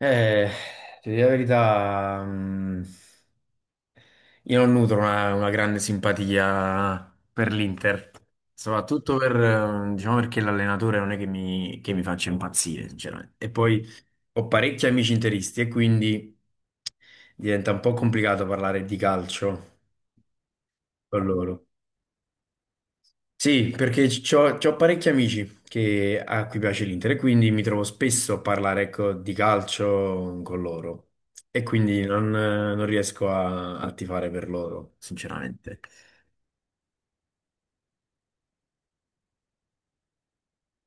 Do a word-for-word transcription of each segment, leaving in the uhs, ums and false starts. Eh, Ti dico la verità, mm, io non nutro una, una grande simpatia per l'Inter, soprattutto per, eh, diciamo, perché l'allenatore non è che mi, che mi faccia impazzire, sinceramente. E poi ho parecchi amici interisti e quindi diventa un po' complicato parlare di calcio con loro. Sì, perché c'ho, c'ho parecchi amici che, a cui piace l'Inter, e quindi mi trovo spesso a parlare, ecco, di calcio con loro, e quindi non, non riesco a, a tifare per loro, sinceramente.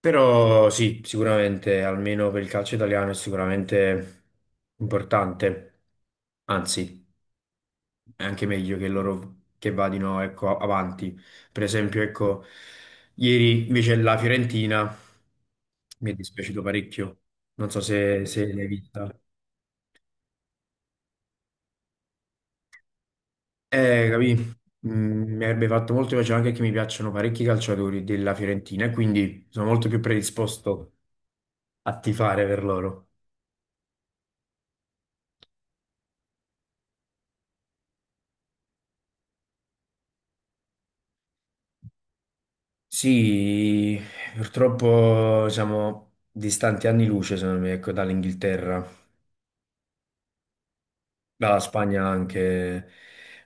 Però sì, sicuramente, almeno per il calcio italiano è sicuramente importante, anzi, è anche meglio che loro che vadino, ecco, avanti. Per esempio, ecco, ieri invece la Fiorentina. Mi è dispiaciuto parecchio. Non so se, se l'hai vista. Eh, capì? Mm, Mi avrebbe fatto molto piacere, anche che mi piacciono parecchi calciatori della Fiorentina e quindi sono molto più predisposto a tifare per loro. Sì, purtroppo siamo distanti anni luce, secondo me, ecco, dall'Inghilterra. Dalla Spagna anche.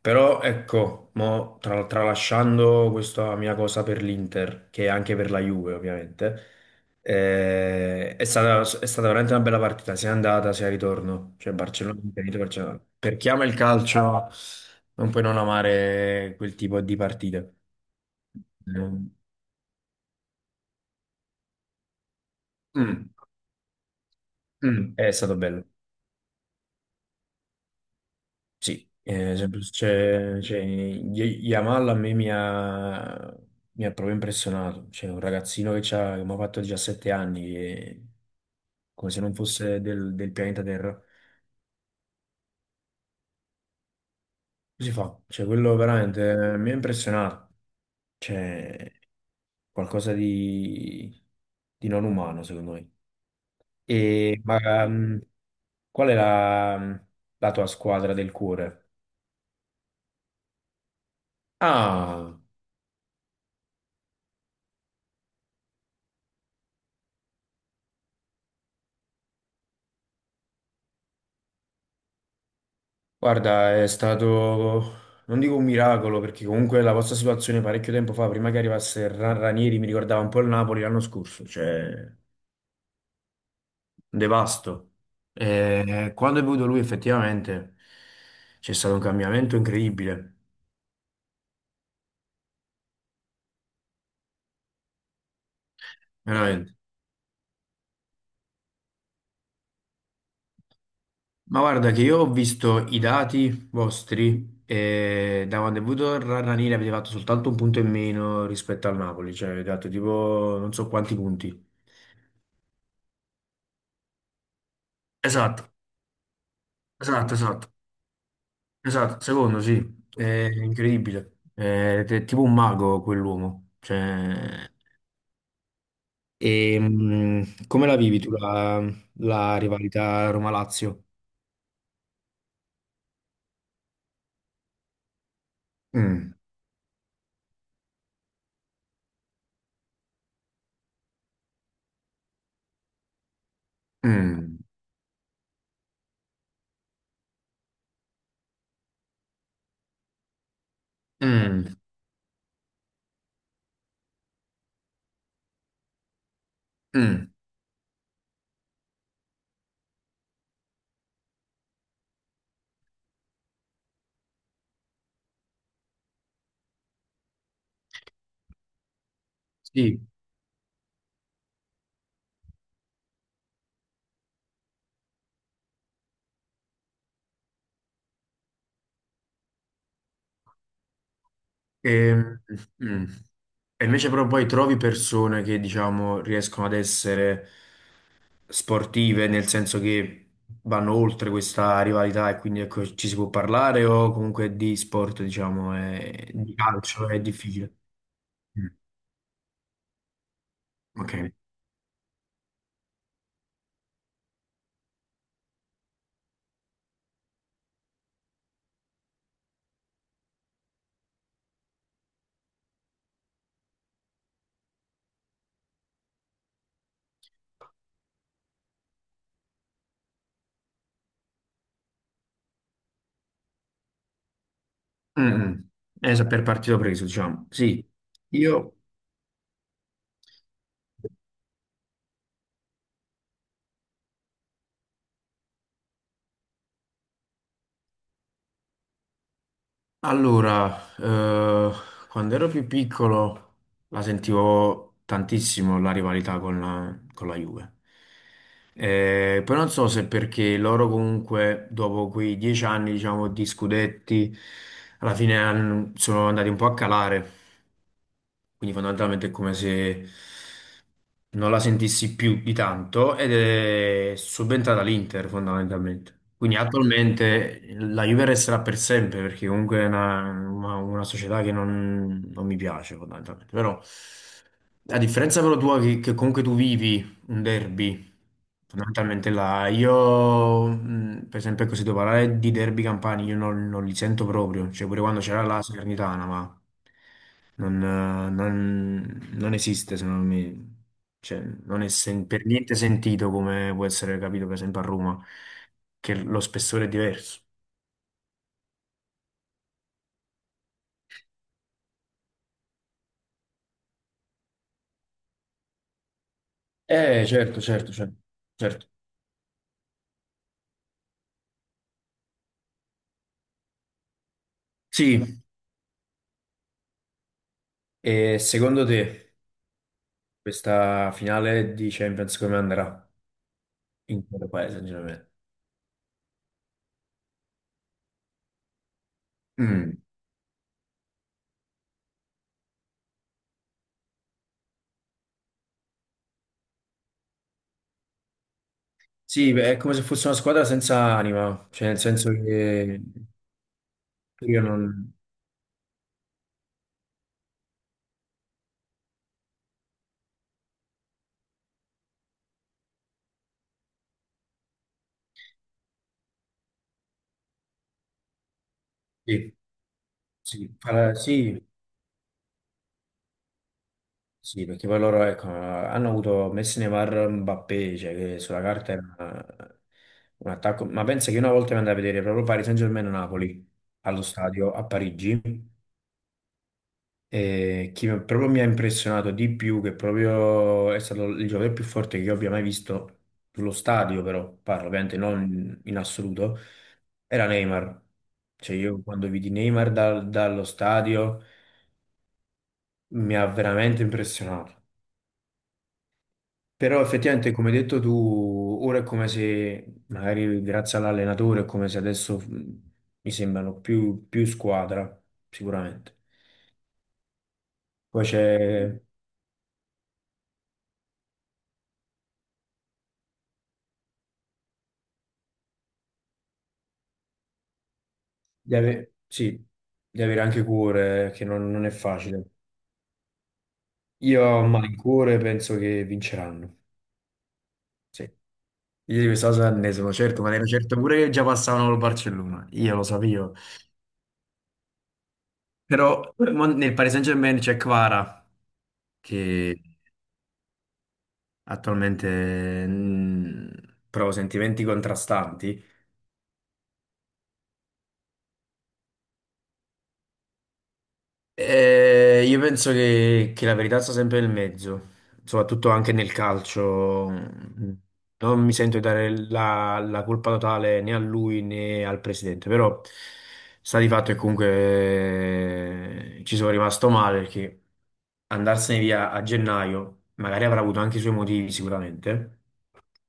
Però ecco, mo, tra- tralasciando questa mia cosa per l'Inter, che è anche per la Juve ovviamente, eh, è stata, è stata veramente una bella partita, sia andata sia ritorno. Cioè Barcellona, Inter, Inter, Barcellona. Per chi ama il calcio non puoi non amare quel tipo di partite. Mm, mm, mm, È stato bello. Sì, eh, sempre- c'è c'è- Y- Yamal a me mi ha, mi ha proprio impressionato. C'è un ragazzino che c'ha- che mi ha fatto diciassette anni, e come se non fosse del, del pianeta Terra. Come si fa? Cioè, quello veramente, eh, mi ha impressionato. C'è qualcosa di, di non umano, secondo me. E, ma mm, qual è la, la tua squadra del cuore? Ah! Guarda, è stato, non dico un miracolo, perché comunque la vostra situazione parecchio tempo fa, prima che arrivasse Ra- Ranieri, mi ricordava un po' il Napoli l'anno scorso, cioè un devasto. E quando è venuto lui effettivamente c'è stato un cambiamento incredibile, veramente. Ma guarda che io ho visto i dati vostri, e da quando è venuto Ra- Ranieri avete fatto soltanto un punto in meno rispetto al Napoli, cioè avete fatto tipo non so quanti punti. Esatto, esatto, esatto. Esatto, secondo sì, è incredibile. È, è tipo un mago quell'uomo. Cioè, e, mh, come la vivi tu la, la rivalità Roma-Lazio? Mm, mm, mm, mm. Sì, e, mm. E invece però poi trovi persone che diciamo riescono ad essere sportive, nel senso che vanno oltre questa rivalità, e quindi, ecco, ci si può parlare, o comunque di sport, diciamo, è- di calcio è difficile. Mm. Ok. Mm, mm. Eh, sa- per partito preso, diciamo. Sì, io allora, eh, quando ero più piccolo la sentivo tantissimo la rivalità con la, con la Juve. Eh, poi non so se perché loro comunque, dopo quei dieci anni, diciamo, di scudetti, alla fine han- sono andati un po' a calare, quindi fondamentalmente è come se non la sentissi più di tanto, ed è subentrata all'Inter fondamentalmente. Quindi attualmente la Juve resterà per sempre perché comunque è una, una- una società che non, non mi piace fondamentalmente. Però a differenza però tua che, che comunque tu vivi un derby. Fondamentalmente là, io, mh, per esempio, così devo parlare di derby campani, io non, non li sento proprio, cioè pure quando c'era la Salernitana, ma non, eh, non- non esiste secondo me, cioè non è sen- per niente sentito, come può essere capito per esempio a Roma, che lo spessore è diverso. Eh certo, certo, certo, certo. Sì, e secondo te questa finale di Champions come andrà, in quale paese, sinceramente? Mm. Sì, beh, è come se fosse una squadra senza anima, cioè nel senso che io non... Sì, sì, fa- sì, sì, perché poi loro, ecco, hanno avuto Messi, Neymar, Mbappé, cioè che sulla carta era un attacco, ma pensa che una volta mi andai a vedere proprio Paris Saint-Germain-Napoli allo stadio a Parigi. E chi mi- proprio mi ha impressionato di più, che proprio è stato il giocatore più forte che io abbia mai visto sullo stadio, però parlo ovviamente non in assoluto, era Neymar. Cioè io quando vidi Neymar dal- dallo stadio mi ha veramente impressionato. Però effettivamente, come hai detto tu, ora è come se, magari grazie all'allenatore, è come se adesso, mh, mi sembrano più, più squadra, sicuramente. Poi c'è di ave- sì, di avere anche cuore, che non, non è facile. Io a cuore penso che vinceranno. Sì. Io di questa cosa ne sono certo, ma ne ero certo pure che già passavano col Barcellona. Io lo sapevo. Però mo- nel Paris Saint-Germain c'è Kvara, che attualmente, mm, prova sentimenti contrastanti. Eh, io penso che, che la verità sta sempre nel mezzo, soprattutto anche nel calcio. Non mi sento di dare la, la colpa totale né a lui né al presidente, però sta di fatto che comunque, eh, ci sono rimasto male perché andarsene via a gennaio magari avrà avuto anche i suoi motivi sicuramente,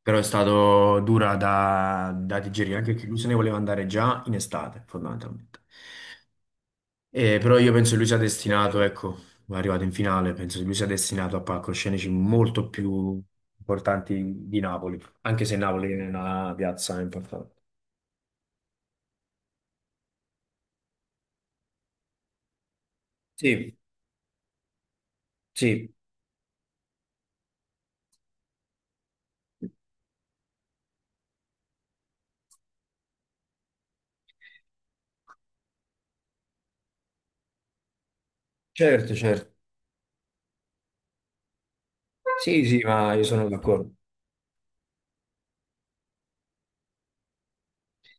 però è stato dura da, da digerire, anche perché lui se ne voleva andare già in estate, fondamentalmente. Eh, però io penso che lui sia destinato, ecco, è arrivato in finale, penso che lui sia destinato a palcoscenici molto più importanti di Napoli, anche se Napoli è una piazza importante. Sì, sì, certo, certo. Sì, sì, ma io sono d'accordo.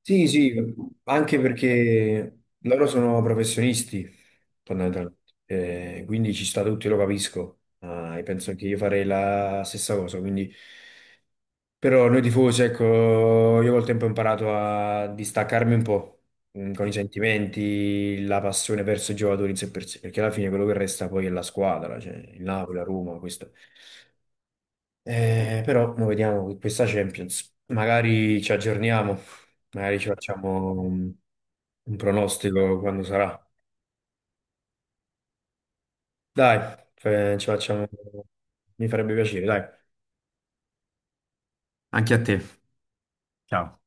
Sì, sì, anche perché loro sono professionisti, fondamentalmente. Eh, quindi ci sta tutto, io lo capisco. Ah, e penso che io farei la stessa cosa, quindi... Però noi tifosi, ecco, io col tempo ho imparato a distaccarmi un po', mh, con i sentimenti, la passione verso i giocatori in sé per sé, perché alla fine quello che resta poi è la squadra, cioè il Napoli, la Roma, questo. Eh, però noi vediamo che questa Champions, magari ci aggiorniamo, magari ci facciamo un, un pronostico quando sarà. Dai, eh, ci facciamo, mi farebbe piacere, dai. Anche a te. Ciao.